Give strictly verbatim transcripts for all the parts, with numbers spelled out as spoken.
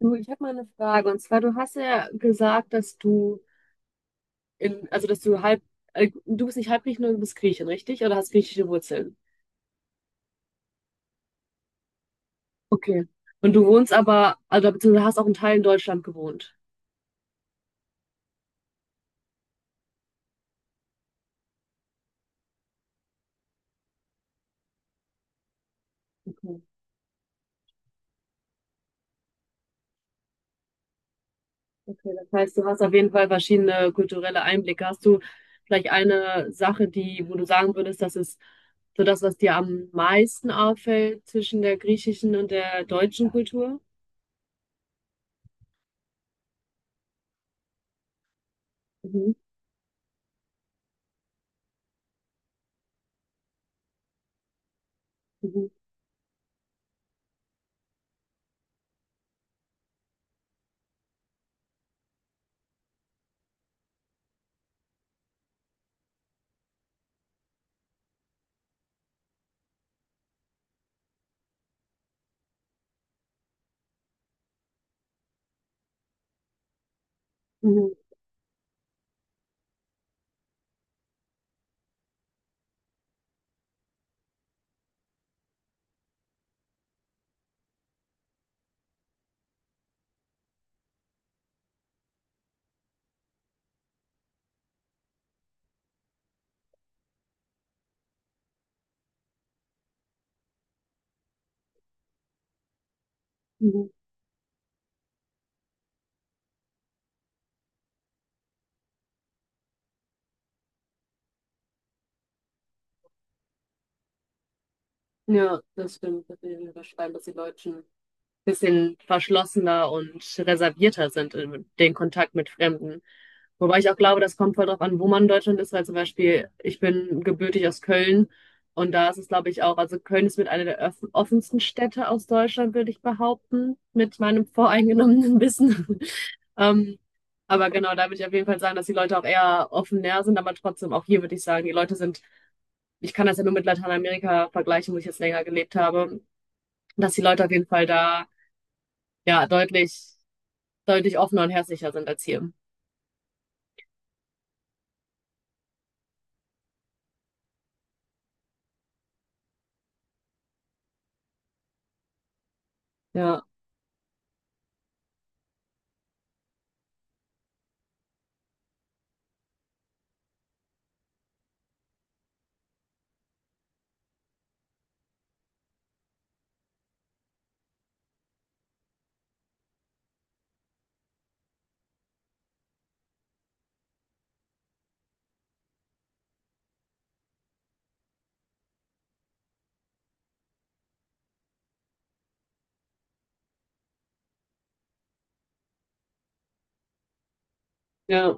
Du, ich habe mal eine Frage. Und zwar, du hast ja gesagt, dass du in, also dass du halb, äh, du bist nicht halb halbgriechen, du bist Griechin, richtig? Oder hast griechische Wurzeln? Okay. Und du wohnst aber, also beziehungsweise hast auch einen Teil in Deutschland gewohnt. Okay. Okay, das heißt, du hast auf jeden Fall verschiedene kulturelle Einblicke. Hast du vielleicht eine Sache, die, wo du sagen würdest, das ist so das, was dir am meisten auffällt zwischen der griechischen und der deutschen Kultur? Mhm. Mhm. Mhm. Mhm. Ja, das stimmt. Das will ich unterschreiben, dass die Deutschen bisschen verschlossener und reservierter sind in den Kontakt mit Fremden. Wobei ich auch glaube, das kommt voll drauf an, wo man in Deutschland ist, weil zum Beispiel ich bin gebürtig aus Köln und da ist es, glaube ich, auch, also Köln ist mit einer der öff- offensten Städte aus Deutschland, würde ich behaupten, mit meinem voreingenommenen Wissen. Ähm, aber genau, da würde ich auf jeden Fall sagen, dass die Leute auch eher offener sind, aber trotzdem, auch hier würde ich sagen, die Leute sind, ich kann das ja nur mit Lateinamerika vergleichen, wo ich jetzt länger gelebt habe, dass die Leute auf jeden Fall da ja, deutlich, deutlich offener und herzlicher sind als hier. Ja. Ja.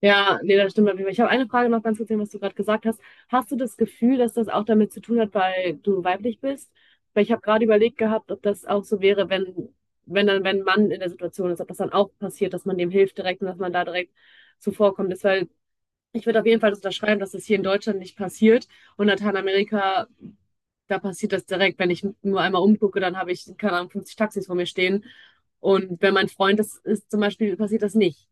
Ja, nee, das stimmt, auf jeden Fall. Ich habe eine Frage noch ganz kurz, was du gerade gesagt hast. Hast du das Gefühl, dass das auch damit zu tun hat, weil du weiblich bist? Weil ich habe gerade überlegt gehabt, ob das auch so wäre, wenn, wenn dann, wenn ein Mann in der Situation ist, ob das dann auch passiert, dass man dem hilft direkt und dass man da direkt zuvorkommt ist, weil ich würde auf jeden Fall das unterschreiben, dass das hier in Deutschland nicht passiert und Lateinamerika da passiert das direkt. Wenn ich nur einmal umgucke, dann habe ich, keine Ahnung, fünfzig Taxis vor mir stehen. Und wenn mein Freund das ist, zum Beispiel, passiert das nicht.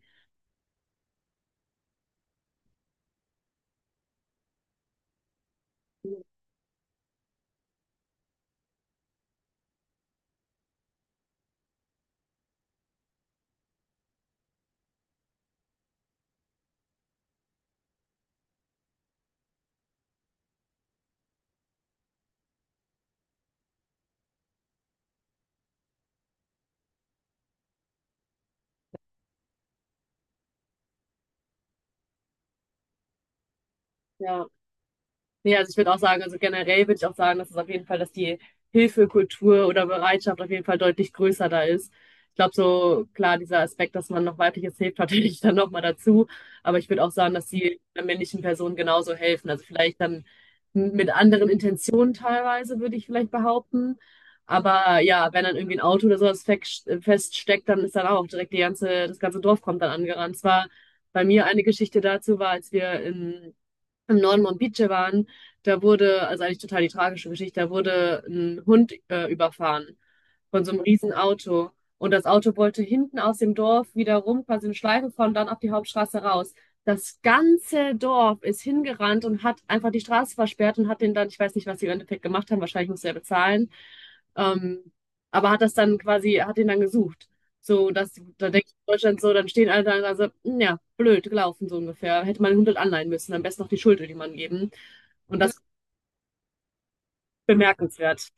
Ja. Nee, also ich würde auch sagen, also generell würde ich auch sagen, dass es auf jeden Fall, dass die Hilfekultur oder Bereitschaft auf jeden Fall deutlich größer da ist. Ich glaube, so klar, dieser Aspekt, dass man noch weibliches hilft, natürlich dann nochmal dazu. Aber ich würde auch sagen, dass die männlichen Personen genauso helfen. Also vielleicht dann mit anderen Intentionen teilweise, würde ich vielleicht behaupten. Aber ja, wenn dann irgendwie ein Auto oder sowas fest- feststeckt, dann ist dann auch direkt die ganze, das ganze Dorf kommt dann angerannt. Zwar bei mir eine Geschichte dazu war, als wir in im Norden Mombiche waren, da wurde, also eigentlich total die tragische Geschichte, da wurde ein Hund äh, überfahren von so einem riesen Auto. Und das Auto wollte hinten aus dem Dorf wieder rum, quasi eine Schleife fahren und dann auf die Hauptstraße raus. Das ganze Dorf ist hingerannt und hat einfach die Straße versperrt und hat den dann, ich weiß nicht, was sie im Endeffekt gemacht haben, wahrscheinlich musste er bezahlen, ähm, aber hat das dann quasi, hat ihn dann gesucht. So, das, da denke ich in Deutschland so, dann stehen alle da und sagen so, "Hm, ja, blöd gelaufen", so ungefähr. Hätte man den Hund halt anleihen müssen, am besten noch die Schuld jemandem geben. Und das ist bemerkenswert.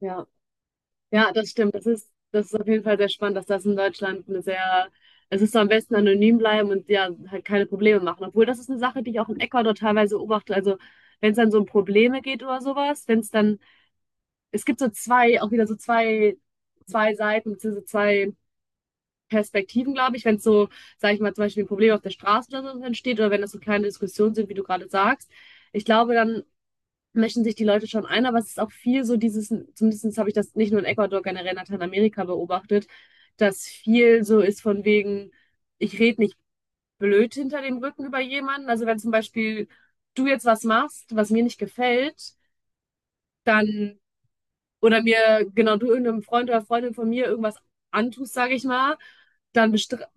Ja. Ja, das stimmt. Das ist, das ist auf jeden Fall sehr spannend, dass das in Deutschland eine sehr, es ist so am besten anonym bleiben und ja, halt keine Probleme machen. Obwohl, das ist eine Sache, die ich auch in Ecuador teilweise beobachte. Also, wenn es dann so um Probleme geht oder sowas, wenn es dann, es gibt so zwei, auch wieder so zwei, zwei Seiten, beziehungsweise zwei Perspektiven, glaube ich, wenn es so, sage ich mal, zum Beispiel ein Problem auf der Straße oder so entsteht oder wenn das so kleine Diskussionen sind, wie du gerade sagst. Ich glaube, dann mischen sich die Leute schon ein, aber es ist auch viel so dieses, zumindest habe ich das nicht nur in Ecuador, generell in Lateinamerika beobachtet, dass viel so ist von wegen, ich rede nicht blöd hinter dem Rücken über jemanden. Also wenn zum Beispiel du jetzt was machst, was mir nicht gefällt, dann oder mir, genau, du irgendeinem Freund oder Freundin von mir irgendwas antust, sage ich mal, dann bestra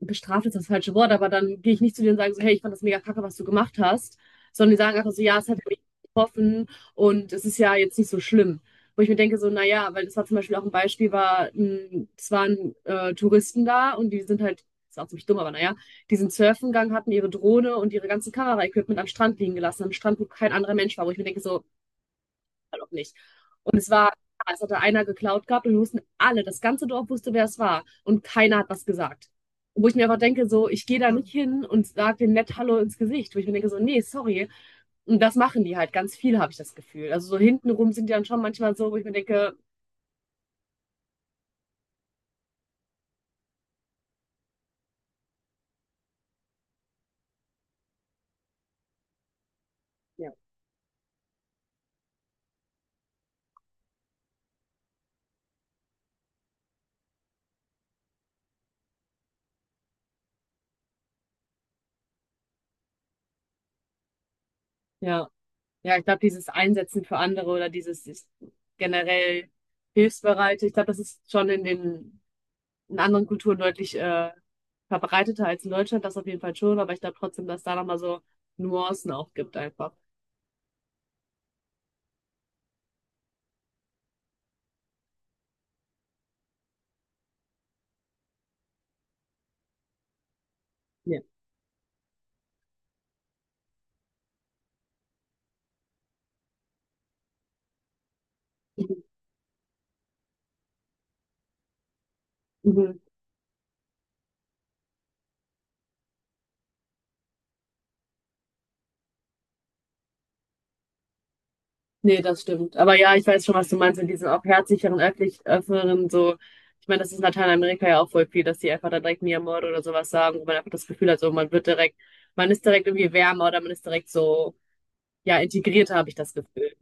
bestraft ist das falsche Wort, aber dann gehe ich nicht zu dir und sage so, hey, ich fand das mega kacke, was du gemacht hast, sondern die sagen einfach so, ja, es hat mich getroffen und es ist ja jetzt nicht so schlimm. Wo ich mir denke, so, naja, weil das war zum Beispiel auch ein Beispiel, war, ein- es waren äh, Touristen da und die sind halt, ist auch ziemlich dumm, aber naja, die sind surfen gegangen, hatten ihre Drohne und ihre ganzen Kamera-Equipment am Strand liegen gelassen, am Strand, wo kein anderer Mensch war, wo ich mir denke, so, Fall auch nicht. Und es war, ja, es hatte einer geklaut gehabt und wir wussten alle, das ganze Dorf wusste, wer es war. Und keiner hat was gesagt. Wo ich mir einfach denke, so, ich gehe da nicht hin und sage denen nett Hallo ins Gesicht. Wo ich mir denke, so, nee, sorry. Und das machen die halt ganz viel, habe ich das Gefühl. Also so hintenrum sind die dann schon manchmal so, wo ich mir denke, Ja. Ja, ja, ich glaube, dieses Einsetzen für andere oder dieses, dieses generell hilfsbereite, ich glaube, das ist schon in den in anderen Kulturen deutlich äh, verbreiteter als in Deutschland, das auf jeden Fall schon, aber ich glaube trotzdem, dass da nochmal so Nuancen auch gibt einfach. Ja. Mhm. Mhm. Nee, das stimmt. Aber ja, ich weiß schon, was du meinst mit diesen auch herzlicheren, öffentlich, öffneren, so. Ich meine, das ist in Lateinamerika ja auch voll viel, dass die einfach dann direkt Mi Amor oder sowas sagen, wo man einfach das Gefühl hat, so man wird direkt, man ist direkt irgendwie wärmer oder man ist direkt so, ja, integrierter, habe ich das Gefühl.